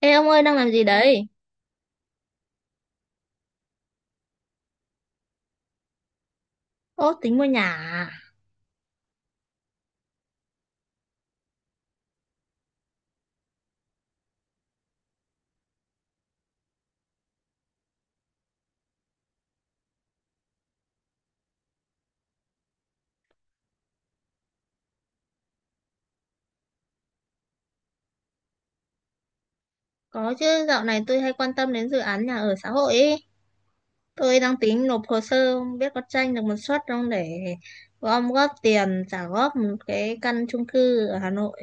Ê ông ơi đang làm gì đấy? Ố tính mua nhà à? Có chứ, dạo này tôi hay quan tâm đến dự án nhà ở xã hội ý. Tôi đang tính nộp hồ sơ, không biết có tranh được một suất không để gom góp tiền trả góp một cái căn chung cư ở Hà Nội.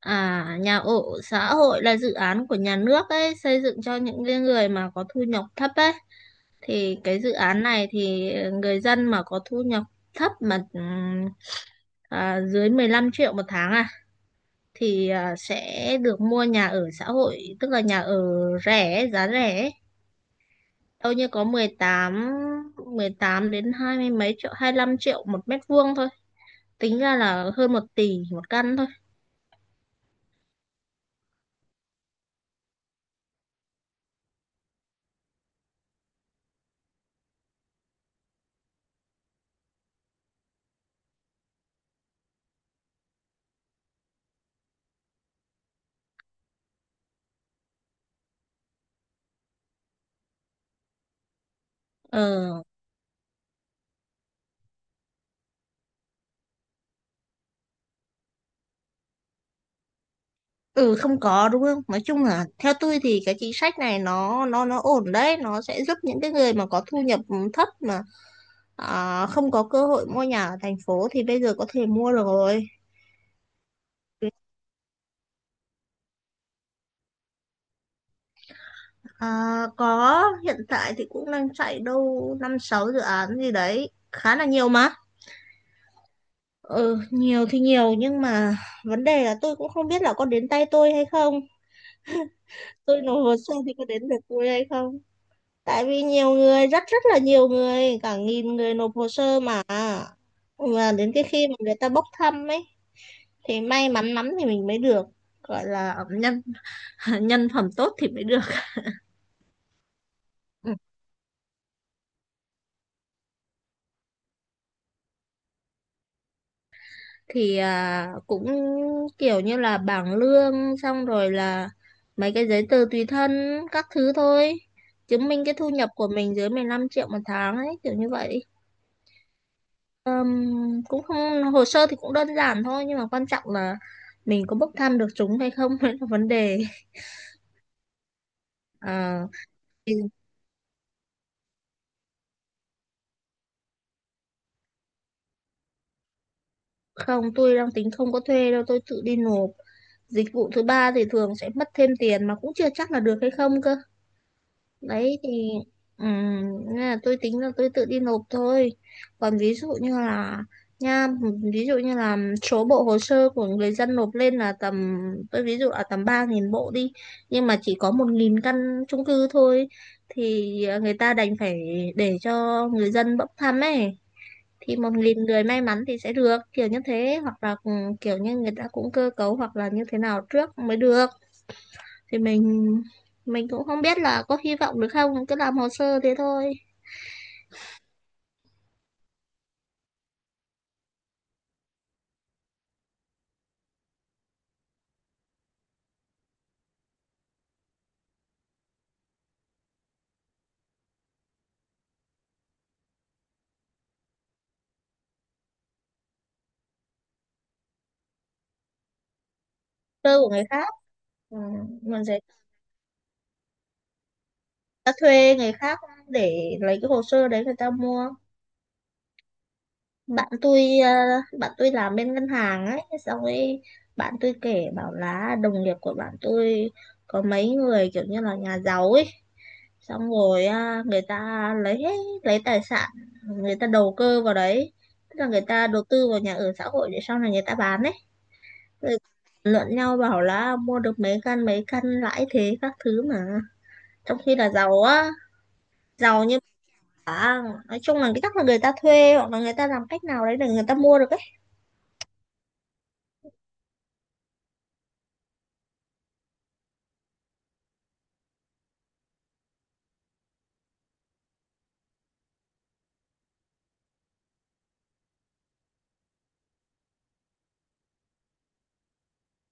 À, nhà ở xã hội là dự án của nhà nước ấy, xây dựng cho những cái người mà có thu nhập thấp ấy. Thì cái dự án này thì người dân mà có thu nhập thấp mà dưới 15 triệu một tháng à, thì sẽ được mua nhà ở xã hội, tức là nhà ở rẻ, giá rẻ ấy. Đâu như có mười tám đến hai mươi mấy triệu, 25 triệu một mét vuông thôi, tính ra là hơn 1 tỷ một căn thôi. Ờ, ừ, không có đúng không, nói chung là theo tôi thì cái chính sách này nó ổn đấy, nó sẽ giúp những cái người mà có thu nhập thấp mà không có cơ hội mua nhà ở thành phố thì bây giờ có thể mua được rồi. À, có, hiện tại thì cũng đang chạy đâu năm sáu dự án gì đấy, khá là nhiều mà. Ừ, nhiều thì nhiều nhưng mà vấn đề là tôi cũng không biết là có đến tay tôi hay không, tôi nộp hồ sơ thì có đến được tôi hay không, tại vì nhiều người, rất rất là nhiều người, cả nghìn người nộp hồ sơ mà đến cái khi mà người ta bốc thăm ấy thì may mắn lắm thì mình mới được, gọi là nhân nhân phẩm tốt thì mới được. Ừ. Thì cũng kiểu như là bảng lương, xong rồi là mấy cái giấy tờ tùy thân các thứ thôi, chứng minh cái thu nhập của mình dưới 15 triệu một tháng ấy, kiểu như vậy. Ừm, Cũng không, hồ sơ thì cũng đơn giản thôi nhưng mà quan trọng là mình có bốc thăm được chúng hay không mới là vấn đề. À, thì Không, tôi đang tính không có thuê đâu, tôi tự đi nộp. Dịch vụ thứ ba thì thường sẽ mất thêm tiền mà cũng chưa chắc là được hay không cơ. Đấy thì ừm, nên là tôi tính là tôi tự đi nộp thôi. Còn ví dụ như là, nha ví dụ như là số bộ hồ sơ của người dân nộp lên là tầm, tôi ví dụ là tầm 3.000 bộ đi, nhưng mà chỉ có 1.000 căn chung cư thôi, thì người ta đành phải để cho người dân bốc thăm ấy, thì 1.000 người may mắn thì sẽ được, kiểu như thế, hoặc là kiểu như người ta cũng cơ cấu hoặc là như thế nào trước mới được, thì mình cũng không biết là có hy vọng được không, cứ làm hồ sơ thế thôi. Cơ của người khác. Ừ. mình sẽ ta thuê người khác để lấy cái hồ sơ đấy người ta mua. Bạn tôi ờ, bạn tôi làm bên ngân hàng ấy, xong ấy bạn tôi kể bảo là đồng nghiệp của bạn tôi có mấy người kiểu như là nhà giàu ấy, xong rồi người ta lấy tài sản người ta đầu cơ vào đấy, tức là người ta đầu tư vào nhà ở xã hội để sau này người ta bán đấy. Rồi luận nhau bảo là mua được mấy căn, mấy căn lãi thế các thứ mà, trong khi là giàu á, giàu như bà. Nói chung là cái chắc là người ta thuê hoặc là người ta làm cách nào đấy để người ta mua được ấy.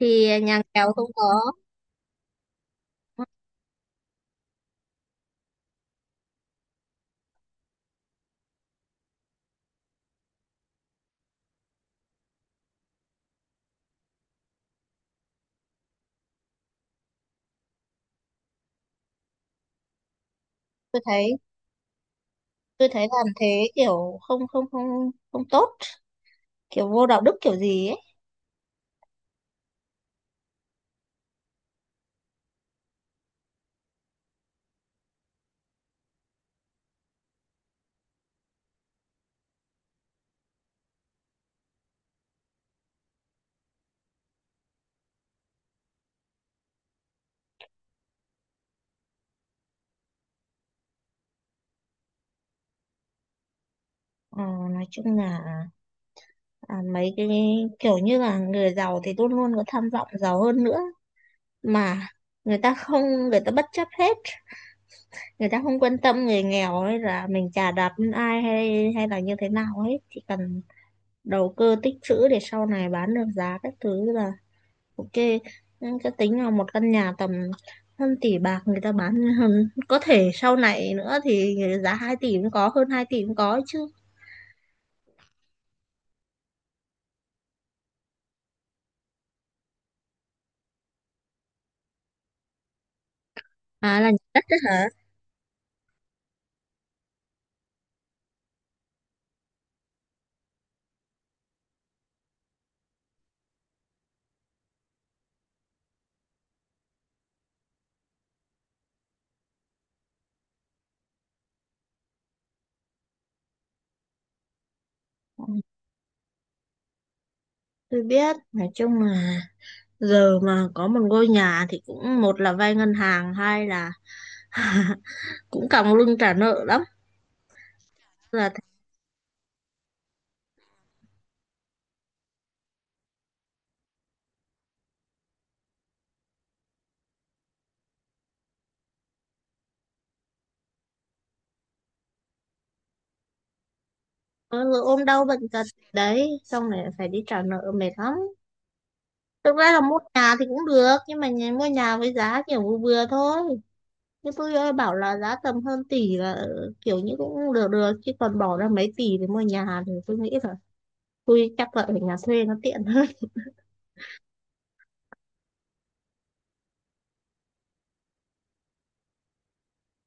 Thì nhà nghèo không có. Tôi thấy tôi thấy làm thế kiểu không không không không tốt, kiểu vô đạo đức kiểu gì ấy. Ờ, nói chung là mấy cái kiểu như là người giàu thì luôn luôn có tham vọng giàu hơn nữa, mà người ta không, người ta bất chấp hết, người ta không quan tâm người nghèo ấy, là mình chà đạp lên ai hay hay là như thế nào ấy, chỉ cần đầu cơ tích trữ để sau này bán được giá các thứ là ok. Nhưng cái tính là một căn nhà tầm hơn tỷ bạc, người ta bán hơn có thể, sau này nữa thì giá 2 tỷ cũng có, hơn 2 tỷ cũng có chứ. À, là nhà đất đấy hả. Tôi biết. Nói chung là giờ mà có một ngôi nhà thì cũng, một là vay ngân hàng, hai là cũng còng lưng trả nợ lắm. là Ờ, Rồi ôm đau bệnh tật đấy, xong lại phải đi trả nợ, mệt lắm. Thực ra là mua nhà thì cũng được, nhưng mà mua nhà với giá kiểu vừa vừa thôi. Nhưng tôi ơi, bảo là giá tầm hơn tỷ là kiểu như cũng được được chứ, còn bỏ ra mấy tỷ để mua nhà thì tôi nghĩ là tôi chắc là ở nhà thuê nó tiện hơn.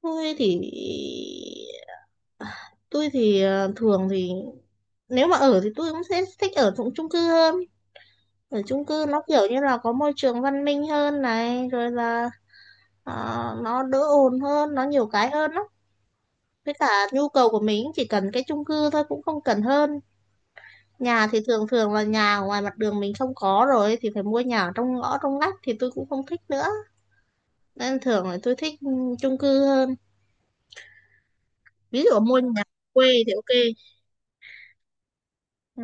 tôi thì tôi thì thường thì nếu mà ở thì tôi cũng sẽ thích ở trong chung cư hơn. Ở chung cư nó kiểu như là có môi trường văn minh hơn này, rồi là Ờ, nó đỡ ồn hơn, nó nhiều cái hơn lắm. Với cả nhu cầu của mình chỉ cần cái chung cư thôi, cũng không cần hơn. Nhà thì thường thường là nhà ở ngoài mặt đường mình không có, rồi thì phải mua nhà ở trong ngõ, trong ngách, thì tôi cũng không thích nữa, nên thường là tôi thích chung cư hơn. Ví dụ mua nhà quê thì ok. Ừ.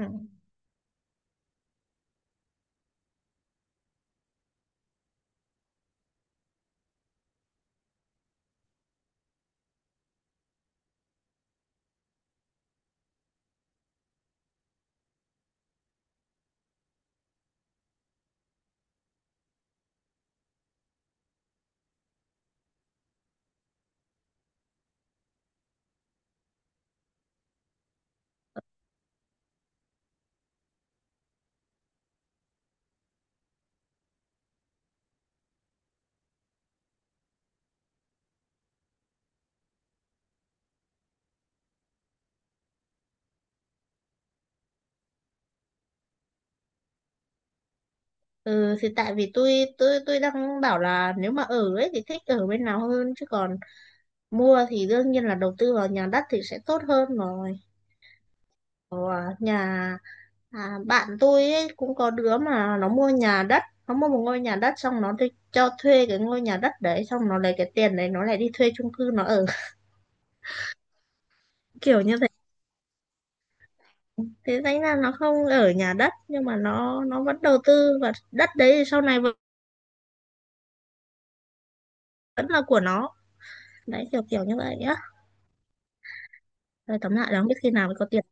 Ừ thì tại vì tôi đang bảo là nếu mà ở ấy thì thích ở bên nào hơn, chứ còn mua thì đương nhiên là đầu tư vào nhà đất thì sẽ tốt hơn rồi. nhà À, bạn tôi ấy, cũng có đứa mà nó mua nhà đất, nó mua một ngôi nhà đất xong nó đi cho thuê cái ngôi nhà đất đấy, xong nó lấy cái tiền đấy nó lại đi thuê chung cư nó ở. Kiểu như thế thế thành ra nó không ở nhà đất, nhưng mà nó vẫn đầu tư và đất đấy thì sau này vẫn vẫn là của nó. Đấy, kiểu kiểu như vậy á. Rồi tóm lại là không biết khi nào mới có tiền.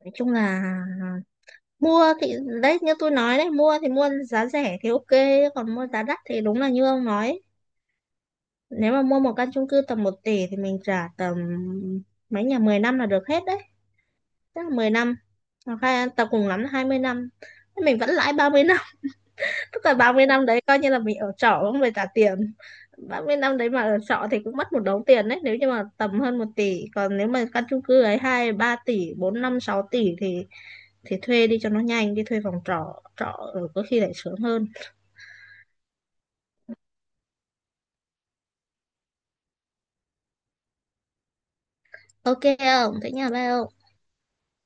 Nói chung là mua thì, đấy như tôi nói đấy, mua thì mua giá rẻ thì ok, còn mua giá đắt thì đúng là như ông nói. Nếu mà mua một căn chung cư tầm 1 tỷ thì mình trả tầm mấy nhà 10 năm là được hết đấy. Tức là 10 năm. Hoặc là tầm cùng lắm là 20 năm. Mình vẫn lãi 30 năm. Tức là 30 năm đấy coi như là mình ở trọ không phải trả tiền. 30 năm đấy mà ở trọ thì cũng mất một đống tiền đấy, nếu như mà tầm hơn 1 tỷ. Còn nếu mà căn chung cư ấy 2 3 tỷ, 4 5 6 tỷ thì thuê đi cho nó nhanh. Đi thuê phòng trọ. Trọ ở có khi lại sướng hơn. Ok không? Thế nhà bao?